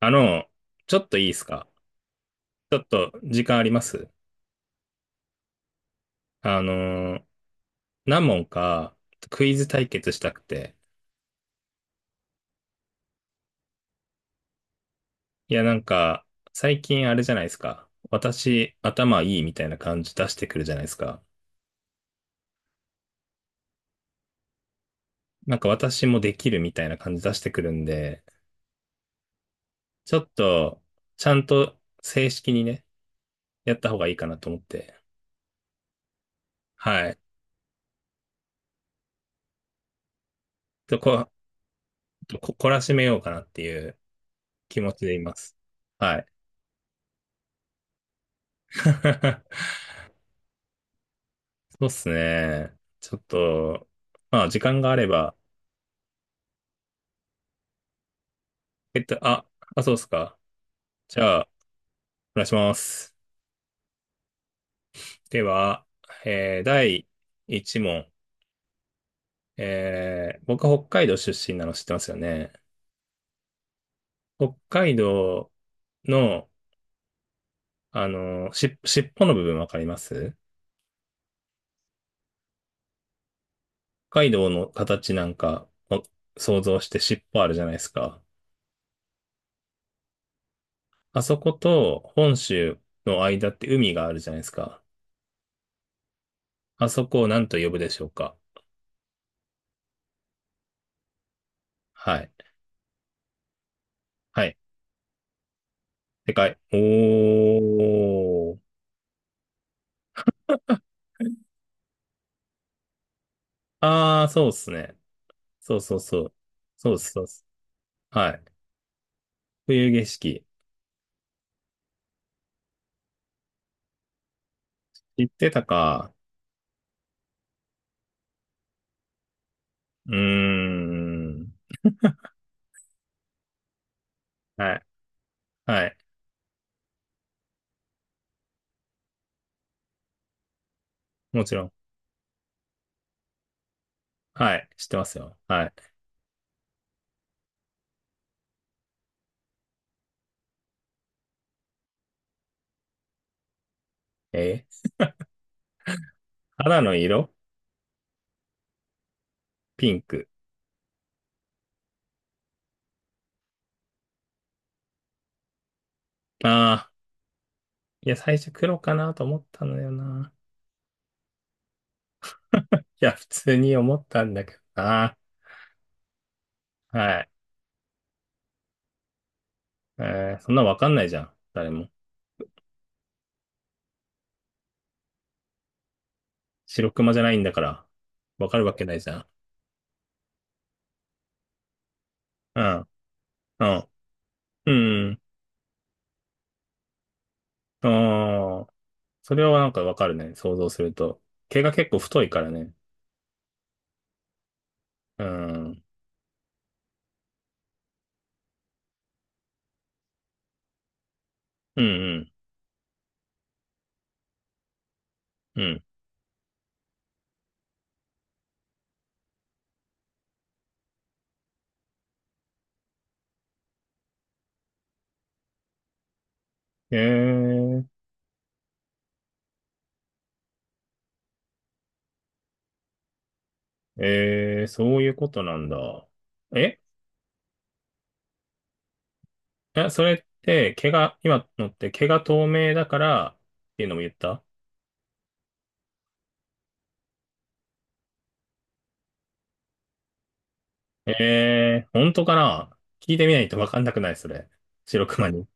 あの、ちょっといいですか？ちょっと時間あります？あのー何問かクイズ対決したくて。いや、なんか、最近あれじゃないですか。私、頭いいみたいな感じ出してくるじゃないですか。なんか私もできるみたいな感じ出してくるんで、ちょっと、ちゃんと正式にね、やった方がいいかなと思って。はい。ちょっと懲らしめようかなっていう気持ちでいます。はい。そうっすね。ちょっと、まあ、時間があれば、えっと、あ、そうっすか。じゃあ、お願いします。では、第1問。僕は北海道出身なの知ってますよね。北海道の、尻尾の部分わかります？北海道の形なんか、想像して尻尾あるじゃないですか。あそこと本州の間って海があるじゃないですか。あそこを何と呼ぶでしょうか？はい。はい。でかい。おー。ああ、そうっすね。そうそうそう。そうっす、そうっす。はい。冬景色。知ってたか。うーん。はい。はい。もちろん。はい。知ってますよ。はい。えー肌の色。ピンク。ああ。いや、最初黒かなと思ったのよな。いや、普通に思ったんだけどな。はい。そんなわかんないじゃん。誰も。白熊じゃないんだから。わかるわけないじゃん。うん。うん。うん。ああ、それはなんかわかるね。想像すると。毛が結構太いからね。うん。うんうんうん。ええ、ええ、そういうことなんだ。ええ、それって毛が、今のって毛が透明だからっていうのも言った？ええ、本当かな聞いてみないとわかんなくない、それ。白熊に。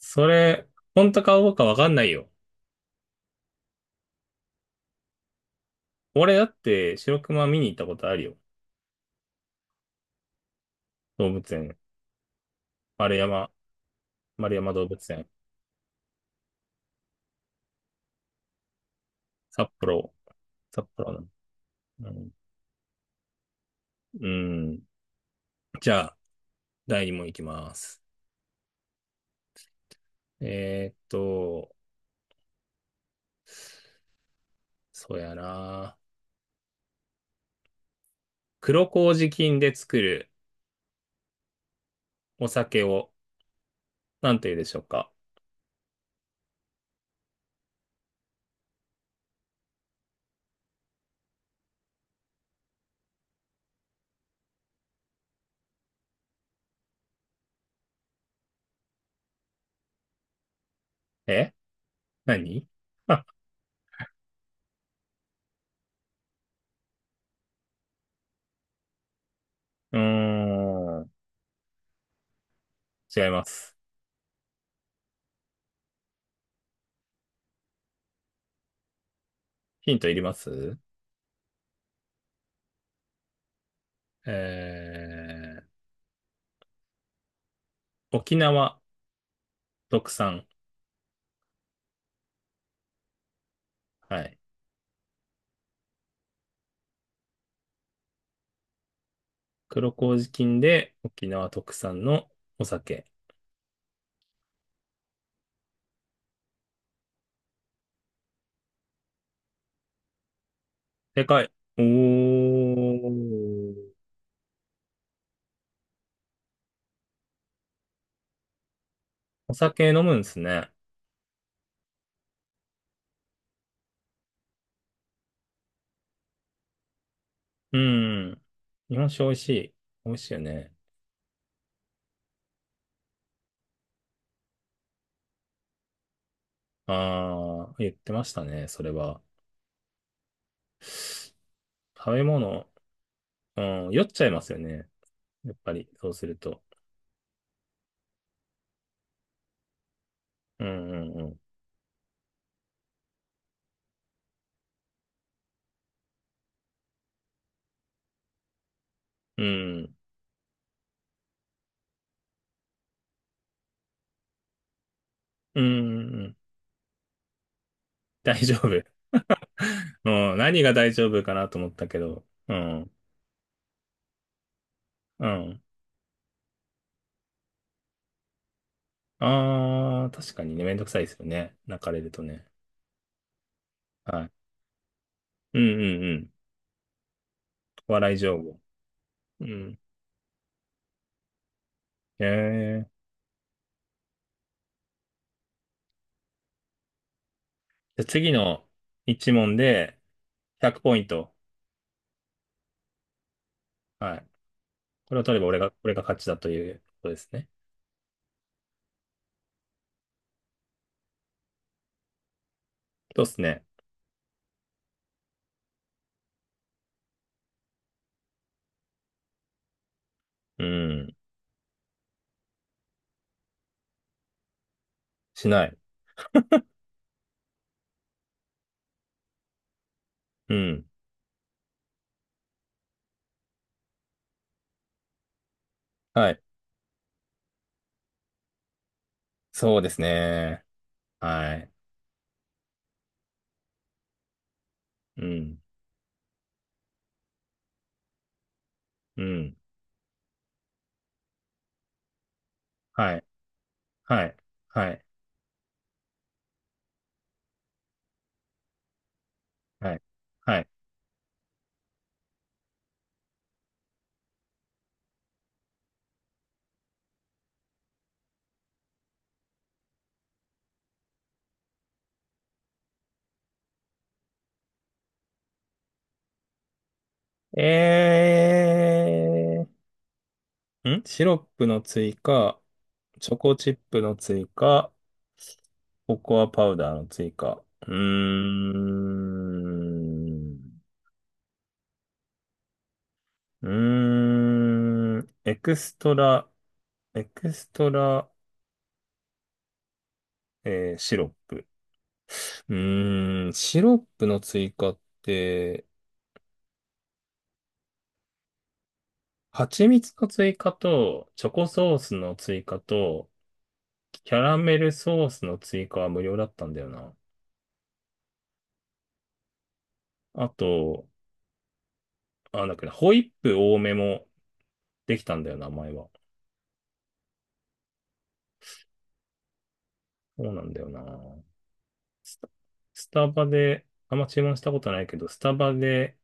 それ、本当かどうかわかんないよ。俺だって白熊見に行ったことあるよ。動物園。丸山、丸山動物園。札幌。札幌の。うん。うん。じゃあ、第2問いきます。えーっと、そうやな。黒麹菌で作るお酒を何と言うでしょうか？え、何、あ、うーん。違います。ヒントいります？え沖縄特産。はい。黒麹菌で沖縄特産のお酒。でかい。おー。お酒飲むんですね。うん。日本酒美味しい。美味しいよね。ああ、言ってましたね、それは。食べ物、うん、酔っちゃいますよね。やっぱり、そうすると。うんうんうん。うん。うんうんうん。大丈夫。うん、何が大丈夫かなと思ったけど。うん。うん。ああ、確かにね、めんどくさいですよね。泣かれるとね。はい。うんうんうん。お笑い情報。うん。ええ。じゃあ次の一問で100ポイント。はい。これを取れば俺が勝ちだということですね。そうですね。うん。しない。うん。はい。そうですね。はい。うん。うん。はい。はい。はい。はい。はい。えシロップの追加、チョコチップの追加、ココアパウダーの追加。うーん。うーん。エクストラ、エクストラ、えーシロップ。うーん、シロップの追加って、蜂蜜の追加と、チョコソースの追加と、キャラメルソースの追加は無料だったんだよな。あと、だけど、ホイップ多めもできたんだよな、前は。そうなんだよな。スタ、スタバで、あんま注文したことないけど、スタバで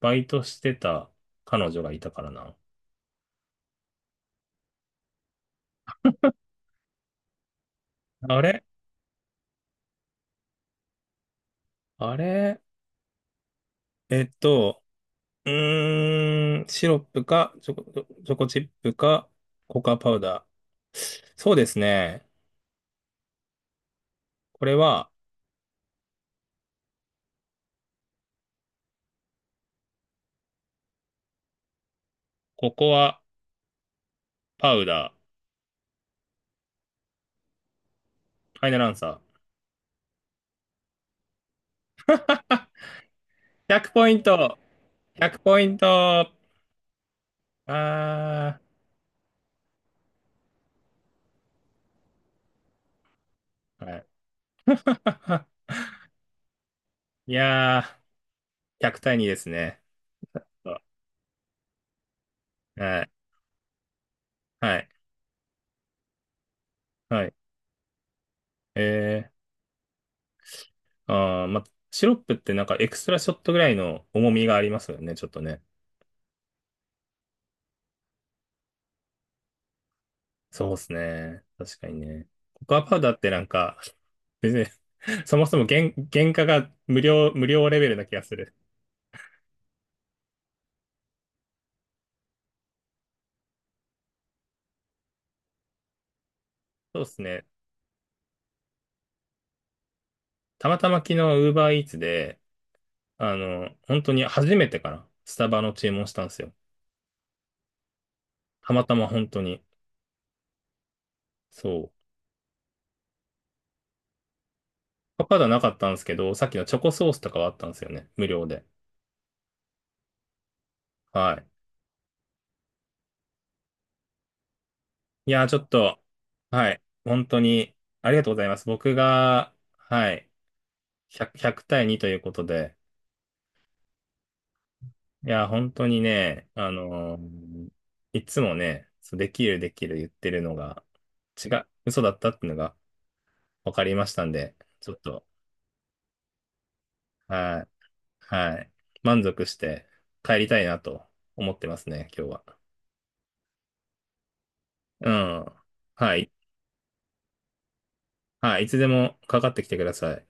バイトしてた彼女がいたからな。あれあれ、えっと、うーん、シロップか、チョコチップか、ココアパウダー。そうですね。これは、ココアパウダー。ファイナルアンサー。100ポイント !100 ポイント。あー、はい。いやー、100対2ですね。はい、はい、はい。えま、シロップってなんかエクストラショットぐらいの重みがありますよね、ちょっとね。そうですね。確かにね。ココアパウダーってなんか、別に。 そもそも原価が無料、無料レベルな気がする。そうですね。たまたま昨日 Uber Eats で、本当に初めてかな。スタバの注文したんですよ。たまたま本当に。そう。ココアパウダーなかったんですけど、さっきのチョコソースとかはあったんですよね。無料で。はい。いやー、ちょっと、はい。本当に、ありがとうございます。僕が、はい。1 0 100対2ということで、いや、本当にね、いつもね、そう、できるできる言ってるのが、違う、嘘だったっていうのが分かりましたんで、ちょっと、はい、はい、満足して帰りたいなと思ってますね、今日は。うん。はい、はい、いつでもかかってきてください。